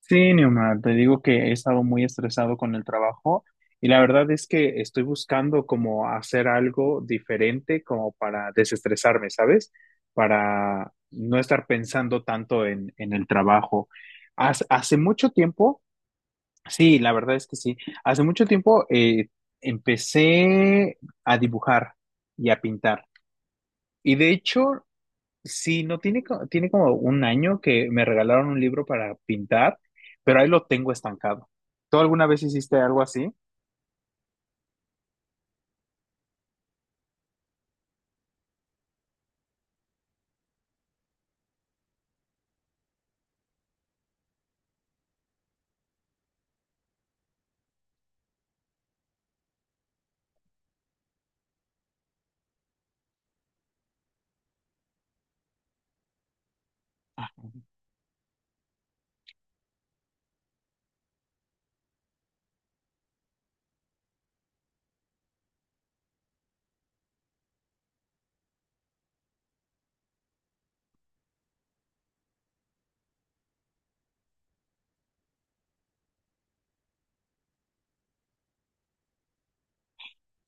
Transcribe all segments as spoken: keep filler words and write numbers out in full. Sí, Neomar, te digo que he estado muy estresado con el trabajo, y la verdad es que estoy buscando como hacer algo diferente, como para desestresarme, ¿sabes? Para no estar pensando tanto en, en el trabajo. Hace, hace mucho tiempo, sí, la verdad es que sí, hace mucho tiempo, eh, empecé a dibujar y a pintar. Y de hecho, sí, no tiene, co- tiene como un año que me regalaron un libro para pintar, pero ahí lo tengo estancado. ¿Tú alguna vez hiciste algo así?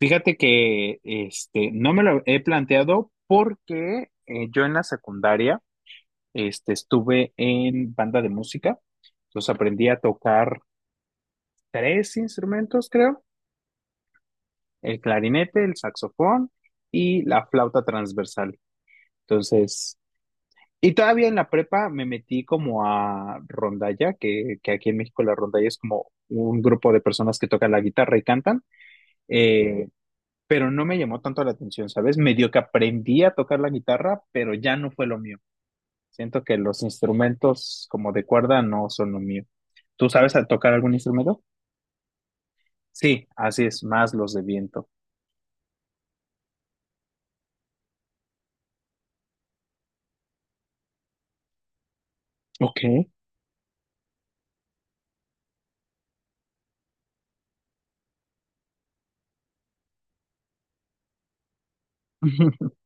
Fíjate que este, no me lo he planteado porque eh, yo en la secundaria este, estuve en banda de música, entonces aprendí a tocar tres instrumentos, creo: el clarinete, el saxofón y la flauta transversal. Entonces, y todavía en la prepa me metí como a rondalla, que, que aquí en México la rondalla es como un grupo de personas que tocan la guitarra y cantan, eh, pero no me llamó tanto la atención, ¿sabes? Medio que aprendí a tocar la guitarra, pero ya no fue lo mío. Siento que los instrumentos como de cuerda no son lo mío. ¿Tú sabes a tocar algún instrumento? Sí, así es, más los de viento. Ok.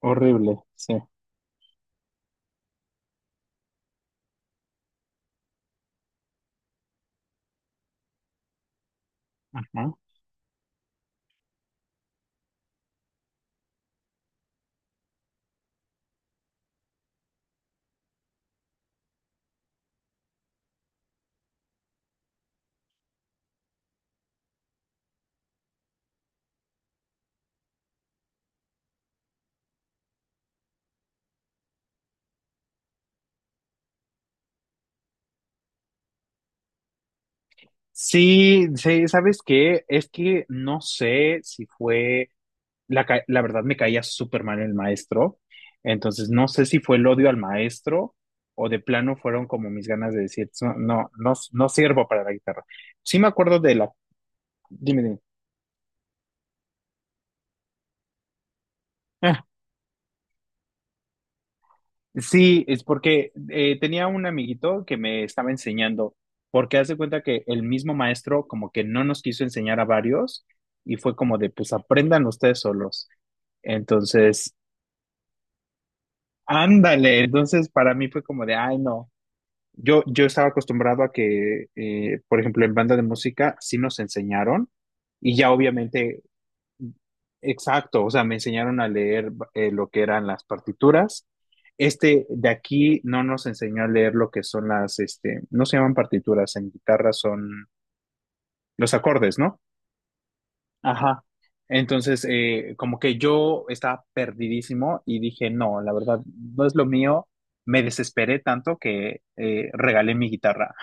Horrible, sí. Ajá. Sí, sí, ¿sabes qué? Es que no sé si fue la, ca- la verdad me caía súper mal el maestro, entonces no sé si fue el odio al maestro o de plano fueron como mis ganas de decir, "So- no, no, no sirvo para la guitarra". Sí me acuerdo de la, dime, dime. Ah, sí, es porque eh, tenía un amiguito que me estaba enseñando, porque hace cuenta que el mismo maestro como que no nos quiso enseñar a varios, y fue como de, pues aprendan ustedes solos. Entonces, ándale, entonces para mí fue como de, ay, no. Yo, yo estaba acostumbrado a que, eh, por ejemplo, en banda de música sí nos enseñaron, y ya obviamente, exacto, o sea, me enseñaron a leer, eh, lo que eran las partituras. Este de aquí no nos enseñó a leer lo que son las, este, no se llaman partituras, en guitarra son los acordes, ¿no? Ajá. Entonces, eh, como que yo estaba perdidísimo y dije, no, la verdad, no es lo mío. Me desesperé tanto que eh, regalé mi guitarra.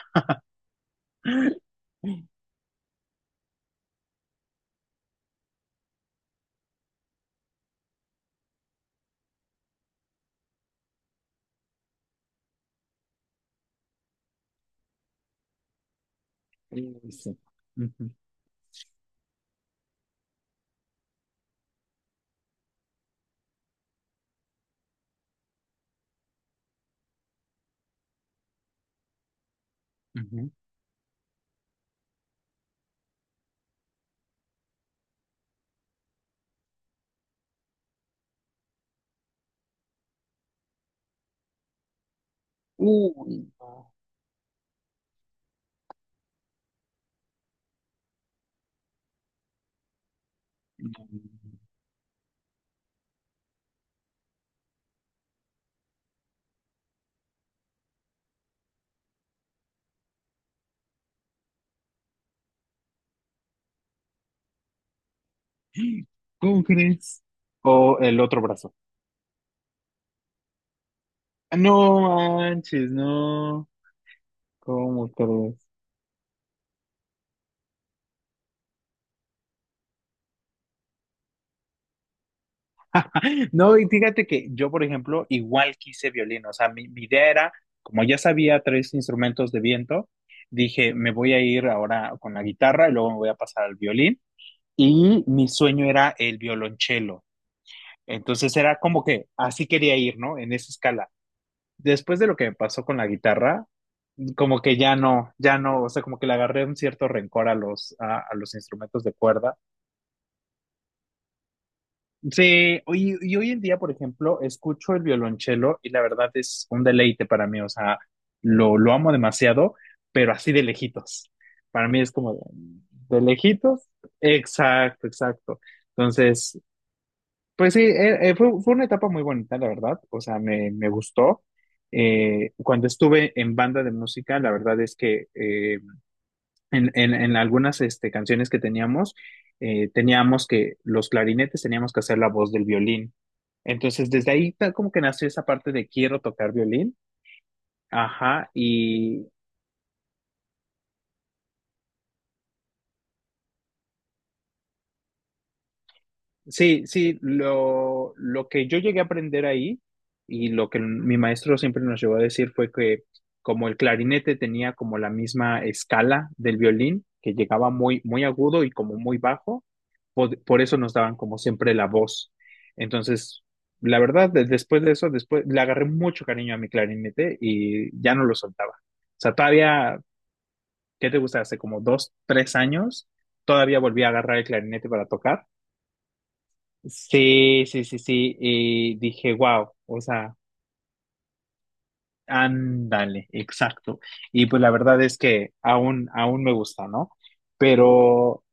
Uy, sí. Ujú, ujú. Uy, no. Mm. ¿Cómo crees? O el otro brazo. No manches, no. ¿Cómo crees? No, y fíjate que yo, por ejemplo, igual quise violín. O sea, mi, mi idea era, como ya sabía tres instrumentos de viento, dije, me voy a ir ahora con la guitarra y luego me voy a pasar al violín. Y mi sueño era el violonchelo. Entonces era como que así quería ir, ¿no? En esa escala. Después de lo que me pasó con la guitarra, como que ya no, ya no, o sea, como que le agarré un cierto rencor a los, a, a los instrumentos de cuerda. Sí, hoy- y hoy en día, por ejemplo, escucho el violonchelo y la verdad es un deleite para mí, o sea, lo, lo amo demasiado, pero así de lejitos. Para mí es como de, de lejitos, exacto, exacto. Entonces, pues sí, eh, eh, fue, fue una etapa muy bonita, la verdad. O sea, me, me gustó. Eh, cuando estuve en banda de música, la verdad es que eh, en, en- en algunas este, canciones que teníamos, eh, teníamos que los clarinetes teníamos que hacer la voz del violín. Entonces, desde ahí ta- como que nació esa parte de quiero tocar violín. Ajá, sí, sí, lo, lo que yo llegué a aprender ahí, y lo que mi maestro siempre nos llevó a decir fue que como el clarinete tenía como la misma escala del violín, que llegaba muy, muy agudo y como muy bajo, por, por eso nos daban como siempre la voz. Entonces, la verdad, de- después de eso, después le agarré mucho cariño a mi clarinete y ya no lo soltaba. O sea, todavía, ¿qué te gusta? Hace como dos, tres años, todavía volví a agarrar el clarinete para tocar. Sí, sí, sí, sí. Y dije, wow, o sea, ándale, exacto. Y pues la verdad es que aún, aún me gusta, ¿no? Pero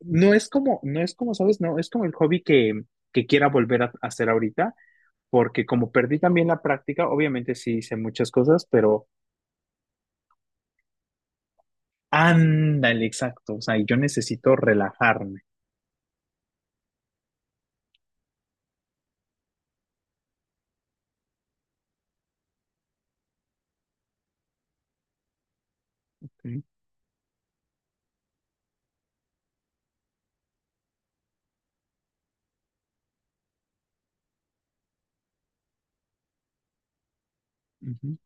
no es como, no es como, ¿sabes? No, es como el hobby que, que quiera volver a hacer ahorita, porque como perdí también la práctica, obviamente sí hice muchas cosas, pero ándale, exacto. O sea, yo necesito relajarme. ¿Sí? Ujú.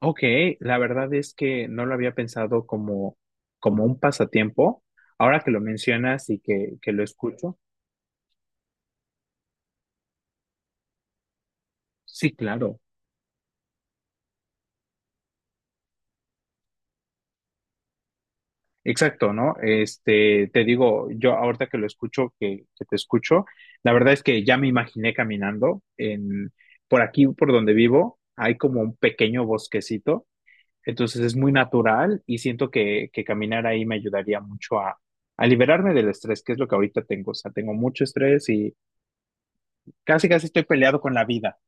Ok, la verdad es que no lo había pensado como, como un pasatiempo. Ahora que lo mencionas y que, que lo escucho, sí, claro, exacto, ¿no? Este, te digo, yo ahorita que lo escucho, que, que te escucho, la verdad es que ya me imaginé caminando, en, por aquí, por donde vivo, hay como un pequeño bosquecito, entonces es muy natural y siento que, que caminar ahí me ayudaría mucho a, a liberarme del estrés, que es lo que ahorita tengo. O sea, tengo mucho estrés. Casi, casi estoy peleado con la vida.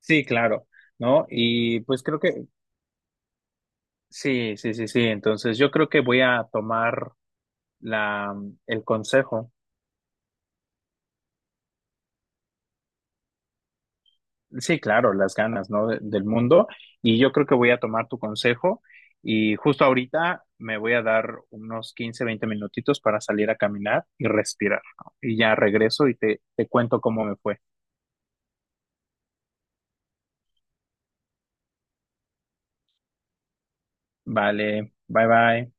Sí, claro, ¿no? Y pues creo que sí, sí, sí, sí. Entonces yo creo que voy a tomar la, el consejo. Sí, claro, las ganas, ¿no? de- del mundo. Y yo creo que voy a tomar tu consejo. Y justo ahorita me voy a dar unos quince veinte minutitos para salir a caminar y respirar, ¿no? Y ya regreso y te, te cuento cómo me fue. Vale, bye bye.